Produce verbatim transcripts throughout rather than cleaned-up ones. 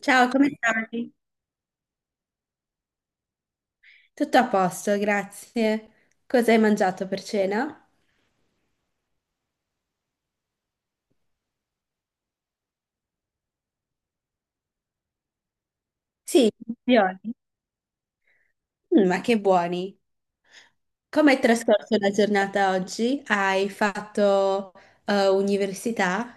Ciao, come stai? Tutto a posto, grazie. Cosa hai mangiato per cena? Sì, ravioli. Mm, ma che buoni. Come hai trascorso la giornata oggi? Hai fatto eh, università?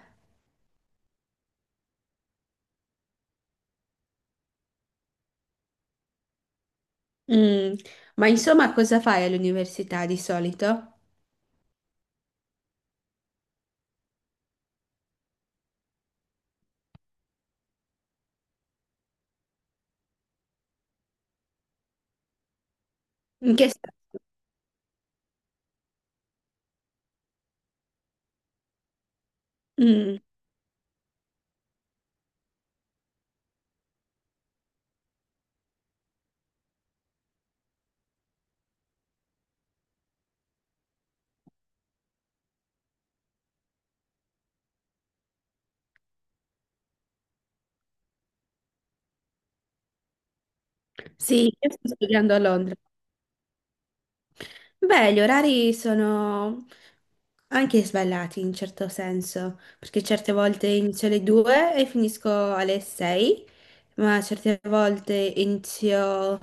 Mm. Ma insomma, cosa fai all'università di solito? In che... sta- Mm. Sì, io sto studiando a Londra. Beh, gli orari sono anche sballati in certo senso, perché certe volte inizio alle due e finisco alle sei, ma certe volte inizio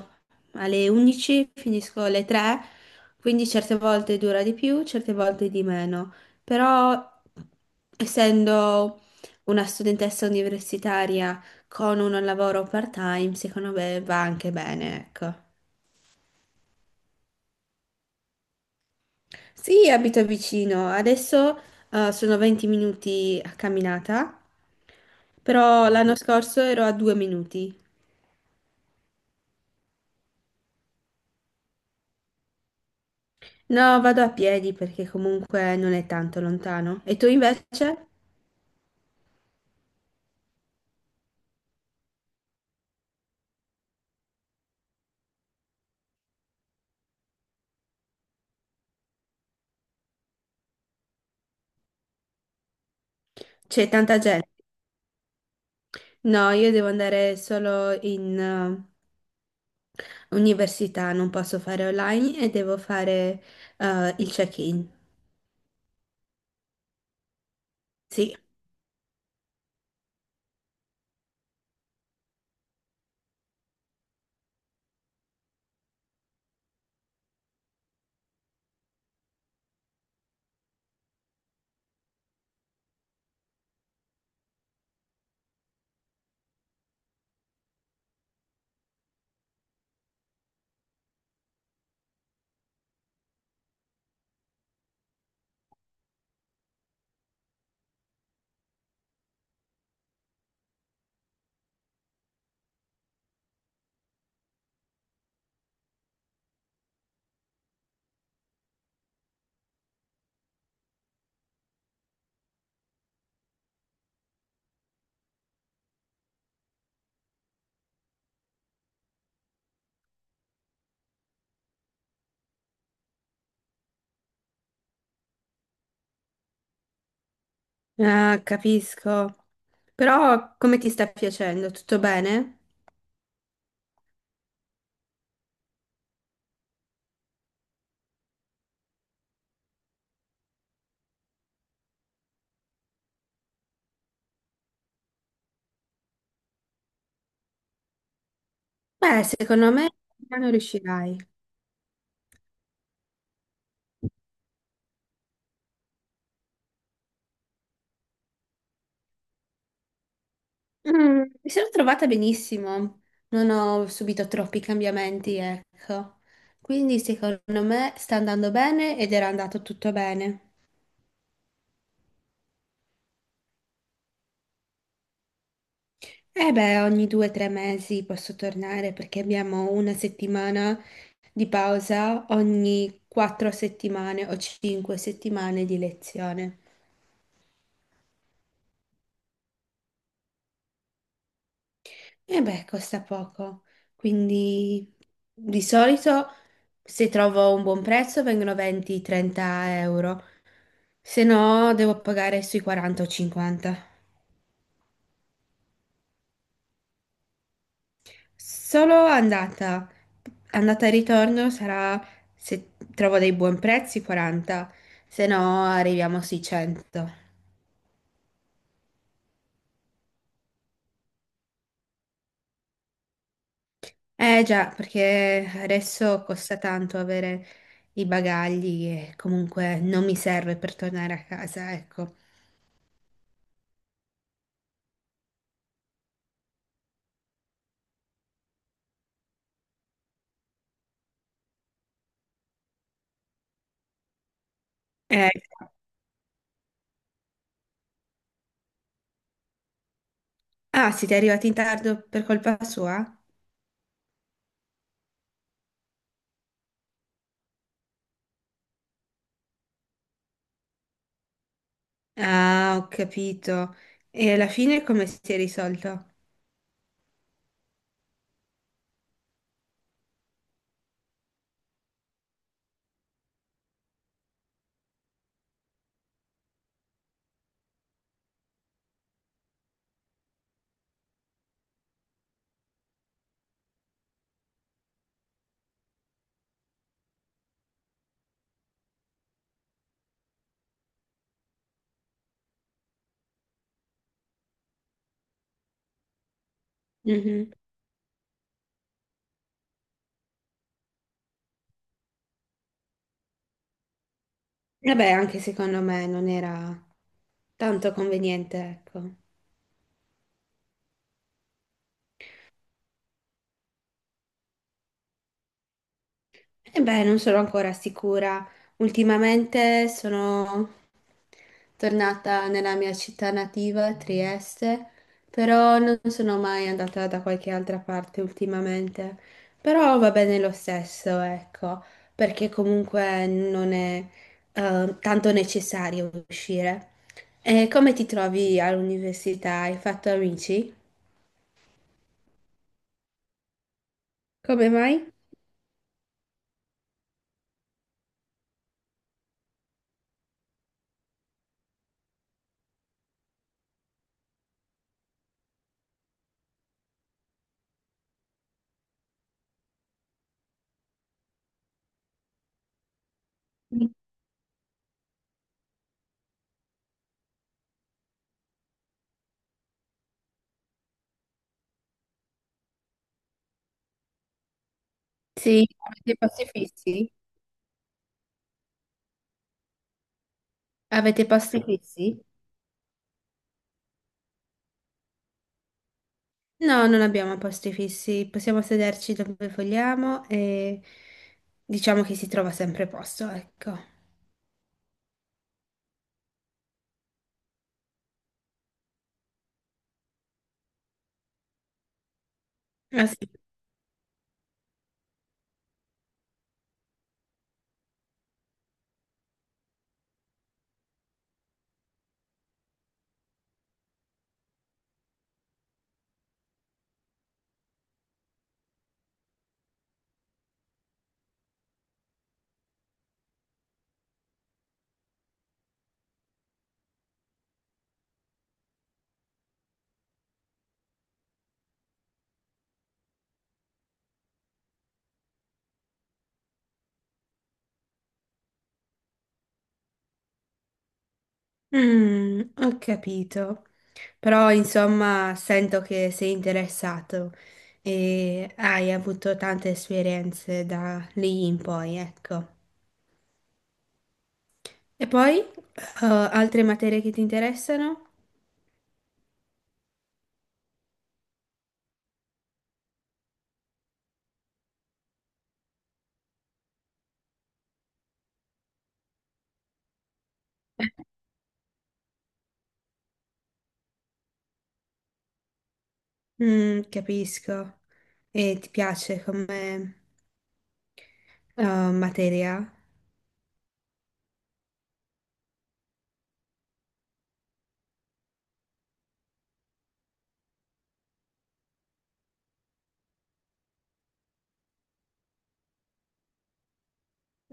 alle undici, finisco alle tre, quindi certe volte dura di più, certe volte di meno. Però, essendo una studentessa universitaria con un lavoro part-time, secondo me va anche bene, ecco. Sì, abito vicino. Adesso eh, sono venti minuti a camminata, però l'anno scorso ero a due minuti. No, vado a piedi perché comunque non è tanto lontano. E tu invece? C'è tanta gente. No, io devo andare solo in eh, università, non posso fare online e devo fare eh, il check-in. Sì. Ah, capisco. Però come ti sta piacendo? Tutto bene? Beh, secondo me non riuscirai. Mm, mi sono trovata benissimo, non ho subito troppi cambiamenti, ecco. Quindi secondo me sta andando bene ed era andato tutto bene. E beh, ogni due o tre mesi posso tornare perché abbiamo una settimana di pausa ogni quattro settimane o cinque settimane di lezione. E beh, costa poco. Quindi di solito se trovo un buon prezzo vengono venti trenta euro. Se no, devo pagare sui quaranta o cinquanta. Solo andata. Andata e ritorno sarà, se trovo dei buoni prezzi, quaranta. Se no, arriviamo sui cento. Eh già, perché adesso costa tanto avere i bagagli e comunque non mi serve per tornare a casa, ecco. Eh, ah, siete arrivati in tardo per colpa sua? Ah, ho capito. E alla fine come si è risolto? Mhm. E beh, anche secondo me non era tanto conveniente, ecco. E beh, non sono ancora sicura. Ultimamente sono tornata nella mia città nativa, Trieste, però non sono mai andata da qualche altra parte ultimamente. Però va bene lo stesso, ecco, perché comunque non è eh, tanto necessario uscire. E come ti trovi all'università? Hai fatto amici? Come mai? Sì, avete posti fissi? Avete posti fissi? No, non abbiamo posti fissi, possiamo sederci dove vogliamo e diciamo che si trova sempre posto, ecco. Ah, sì. Mm, ho capito. Però, insomma, sento che sei interessato e hai avuto tante esperienze da lì in poi, ecco. E poi, eh, altre materie che ti interessano? Mm, capisco. E ti piace come eh, materia?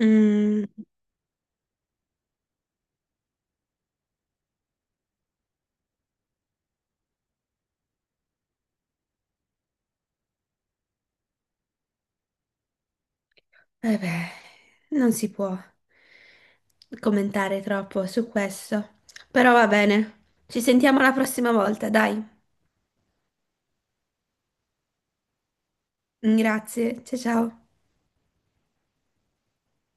Mm. Eh beh, non si può commentare troppo su questo. Però va bene. Ci sentiamo la prossima volta, dai. Grazie, ciao ciao.